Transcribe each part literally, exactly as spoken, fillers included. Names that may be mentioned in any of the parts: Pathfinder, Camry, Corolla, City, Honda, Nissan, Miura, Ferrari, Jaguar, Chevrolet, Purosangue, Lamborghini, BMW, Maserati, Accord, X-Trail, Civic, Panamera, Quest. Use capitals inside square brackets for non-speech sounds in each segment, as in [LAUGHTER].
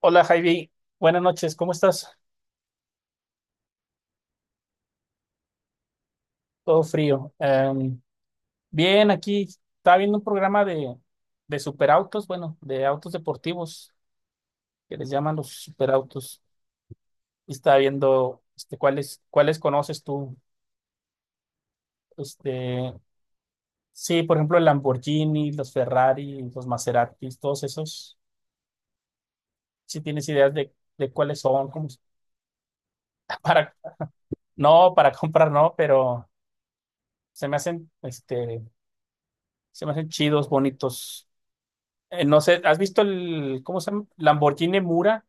Hola Javi, buenas noches, ¿cómo estás? Todo frío. Em, bien, aquí estaba viendo un programa de, de superautos, bueno, de autos deportivos, que les llaman los superautos, y estaba viendo este, cuáles, cuáles conoces tú. Este, sí, por ejemplo, el Lamborghini, los Ferrari, los Maseratis, todos esos. Si tienes ideas de, de cuáles son, cómo se- [LAUGHS] para, no, para comprar no, pero se me hacen, este, se me hacen chidos, bonitos. Eh, no sé, ¿has visto el, cómo se llama? ¿Lamborghini Mura?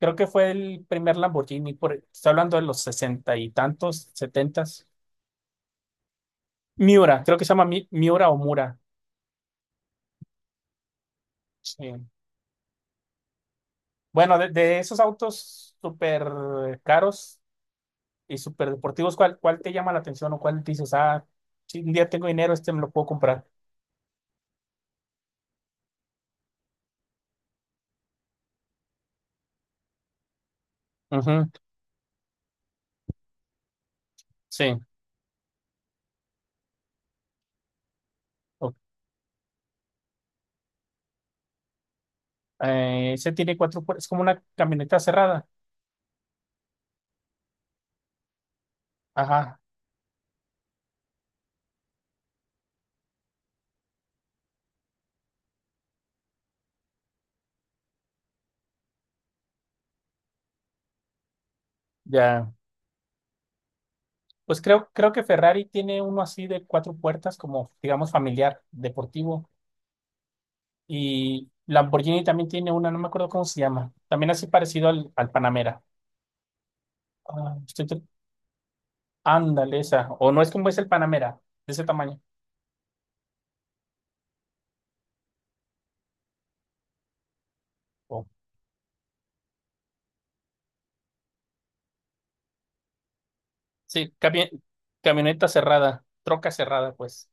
Creo que fue el primer Lamborghini, por, estoy hablando de los sesenta y tantos, setentas. Miura, creo que se llama Mi- Miura o Mura. Sí. Bueno, de, de esos autos súper caros y súper deportivos, ¿cuál, cuál te llama la atención o cuál dices, ah, si un día tengo dinero, este me lo puedo comprar? Ujú, sí. O- eh, Ese tiene cuatro puertas, es como una camioneta cerrada. Ajá, ya. Pues creo, creo que Ferrari tiene uno así de cuatro puertas, como digamos familiar, deportivo. Y Lamborghini también tiene una, no me acuerdo cómo se llama. También así parecido al, al Panamera. Ah, estoy tr- Ándale, esa. O no es como es el Panamera, de ese tamaño. O- sí, cami- camioneta cerrada, troca cerrada, pues.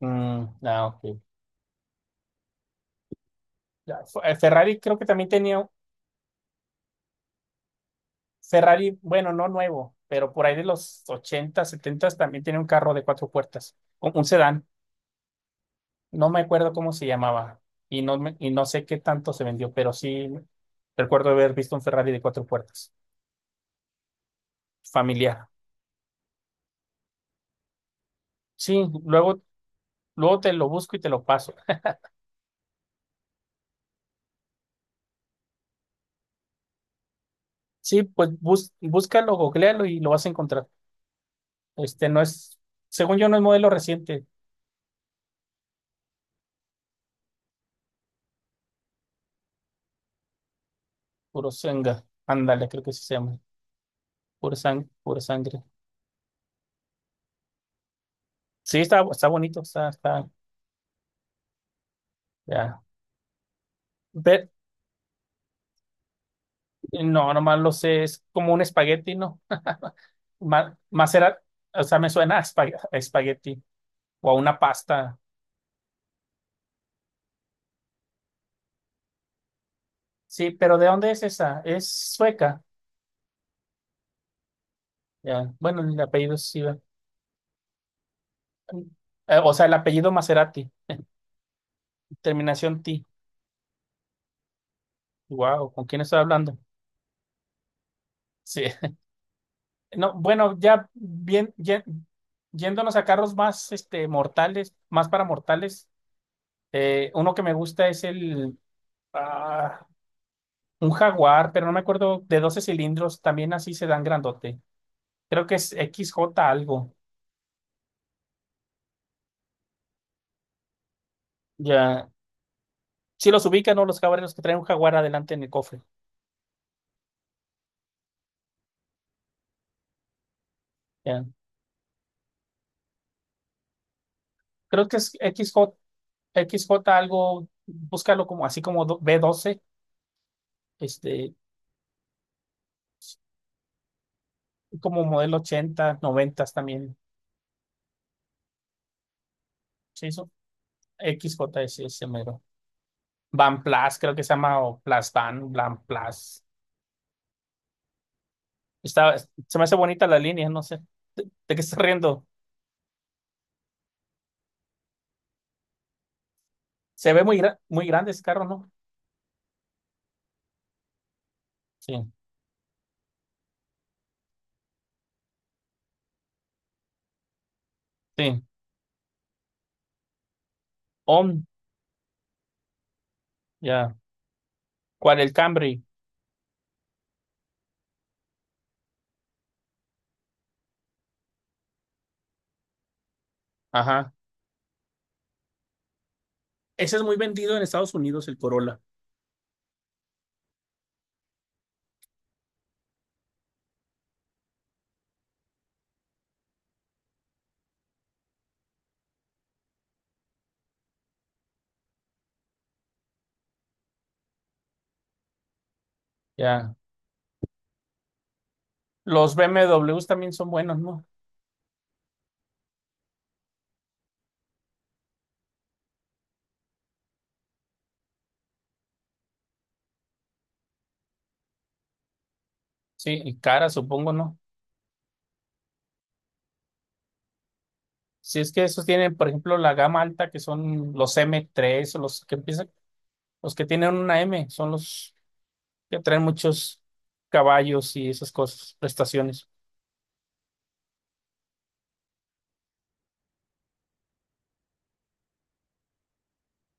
Mm, ah, ok. Ya, F- eh, Ferrari creo que también tenía. Ferrari, bueno, no nuevo, pero por ahí de los ochenta setenta también tiene un carro de cuatro puertas, un un sedán. No me acuerdo cómo se llamaba y no, me- y no sé qué tanto se vendió, pero sí recuerdo haber visto un Ferrari de cuatro puertas, familiar. Sí, luego, luego te lo busco y te lo paso. Sí, pues bus- búscalo, googlealo y lo vas a encontrar. Este no es, según yo, no es modelo reciente. Purosangue, ándale, creo que sí se llama, pura sang- pura sangre. Sí, está, está bonito, está, está, ya. Ve- no, nomás lo sé, es como un espagueti, ¿no? [LAUGHS] Ma- Macerar, o sea, me suena a espa- a espagueti, o a una pasta. Sí, pero ¿de dónde es esa? Es sueca. Ya. Bueno, el apellido es Siva. Eh, o sea, el apellido Maserati, terminación T. Wow, ¿con quién estoy hablando? Sí. [LAUGHS] No, bueno, ya bien, ye- yéndonos a carros más este, mortales, más para mortales. Eh, uno que me gusta es el ah, un Jaguar, pero no me acuerdo, de doce cilindros, también así se dan grandote. Creo que es X J algo. Ya. Si los ubican, ¿no? Los jaguares, los que traen un Jaguar adelante en el cofre. Ya. Creo que es X J, X J algo, búscalo como así como do- b doce este, como modelo ochenta noventa también. Sí, eso, X J es ese mero. Van Plus, creo que se llama, o Plus Van, Van Plus. Está, se me hace bonita la línea, no sé. ¿De, de qué estás riendo? Se ve muy, gra- muy grande ese carro, ¿no? Sí, sí. On, ya. ¿Cuál? El Camry. Ajá, ese es muy vendido en Estados Unidos, el Corolla. Ya. Los B M Ws también son buenos, ¿no? Sí, y cara, supongo, ¿no? Si es que esos tienen, por ejemplo, la gama alta, que son los m tres o los que empiezan, los que tienen una M, son los que traen muchos caballos y esas cosas, prestaciones.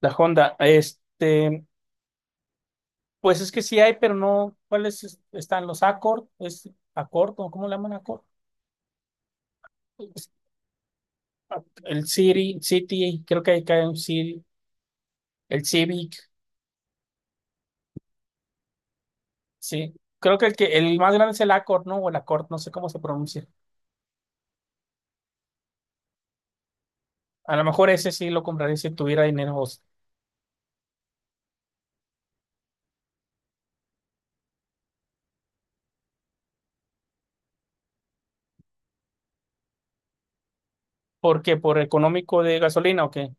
La Honda, este, pues es que sí hay, pero no, ¿cuáles es- están los Accord? ¿Es Accord o cómo le llaman Accord? Es- El City, City, creo que hay que hay un City, el Civic, sí. Creo que el que el más grande es el Accord, ¿no? O el Accord, no sé cómo se pronuncia. A lo mejor ese sí lo compraría si tuviera dinero. o s- ¿Por qué? ¿Por económico de gasolina o qué?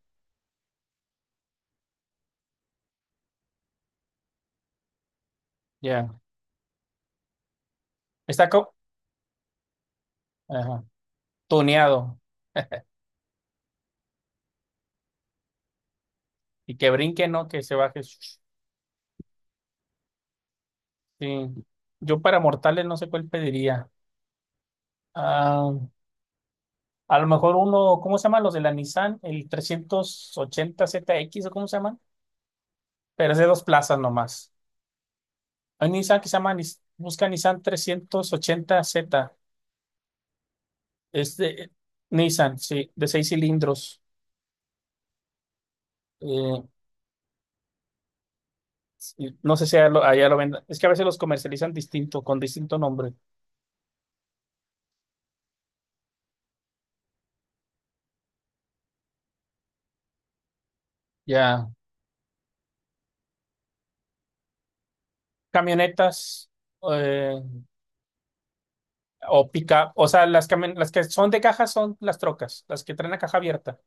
Ya. Está co- Ajá, tuneado. Y que brinque, ¿no? Que se baje. Sí. Yo para mortales no sé cuál pediría. Ah, a lo mejor uno, ¿cómo se llaman los de la Nissan? El trescientos ochenta Z X o cómo se llaman. Pero es de dos plazas nomás. Hay un Nissan que se llama, Nis- busca Nissan trescientos ochenta z. Es de eh, Nissan, sí, de seis cilindros. Eh, Sí, no sé si allá lo, allá lo vendan. Es que a veces los comercializan distinto, con distinto nombre. Ya. Camionetas, eh, o pica. O sea, las, cami- las que son de caja son las trocas, las que traen la caja abierta.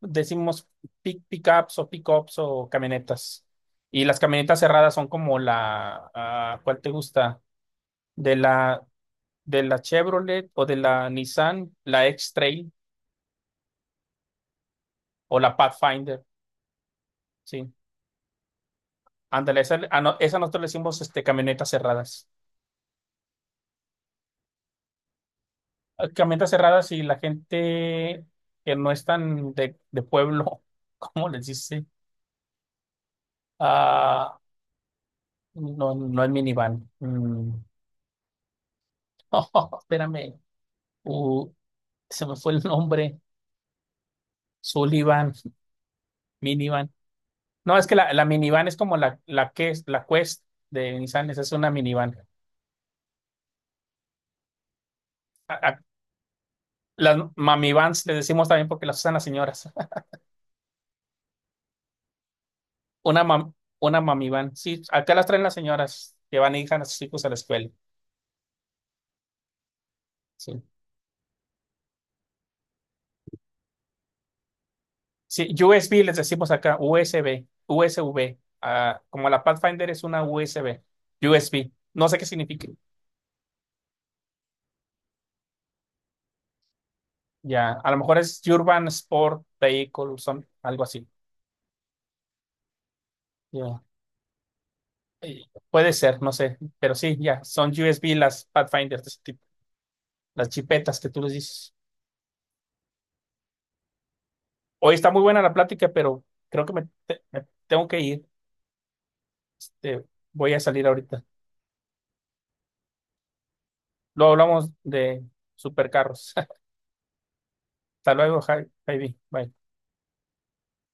Decimos pick, pickups o pickups o camionetas. Y las camionetas cerradas son como la, ah, ¿cuál te gusta? De la, de la Chevrolet o de la Nissan, la X-Trail o la Pathfinder. Sí. Ándale, esa, ah, no, esa nosotros le decimos este, camionetas cerradas. eh, Camionetas cerradas, y la gente que no es tan de, de pueblo, [LAUGHS] ¿cómo les dice? Ah, no, no es minivan. Mm. [LAUGHS] Oh, espérame. Uh, Se me fue el nombre. Sullivan, minivan. No, es que la, la minivan es como la, la que es la Quest de Nissan, esa es una minivan. A- a- las mamivans les decimos también porque las usan las señoras. [LAUGHS] Una mam- una mamivan. Sí, acá las traen las señoras que van a ir a sus hijos a la escuela. Sí. Sí, U S B les decimos acá, U S B, U S B. Ah, como la Pathfinder es una U S B, U S B. No sé qué significa. Ya, a lo mejor es Urban Sport Vehicle, son algo así. Ya. Eh, Puede ser, no sé, pero sí, ya, son U S B las Pathfinders de ese tipo, las chipetas que tú les dices. Hoy está muy buena la plática, pero creo que me, te- me tengo que ir. Este, voy a salir ahorita. Luego hablamos de supercarros. [LAUGHS] Hasta luego, Jai- Javi. Bye.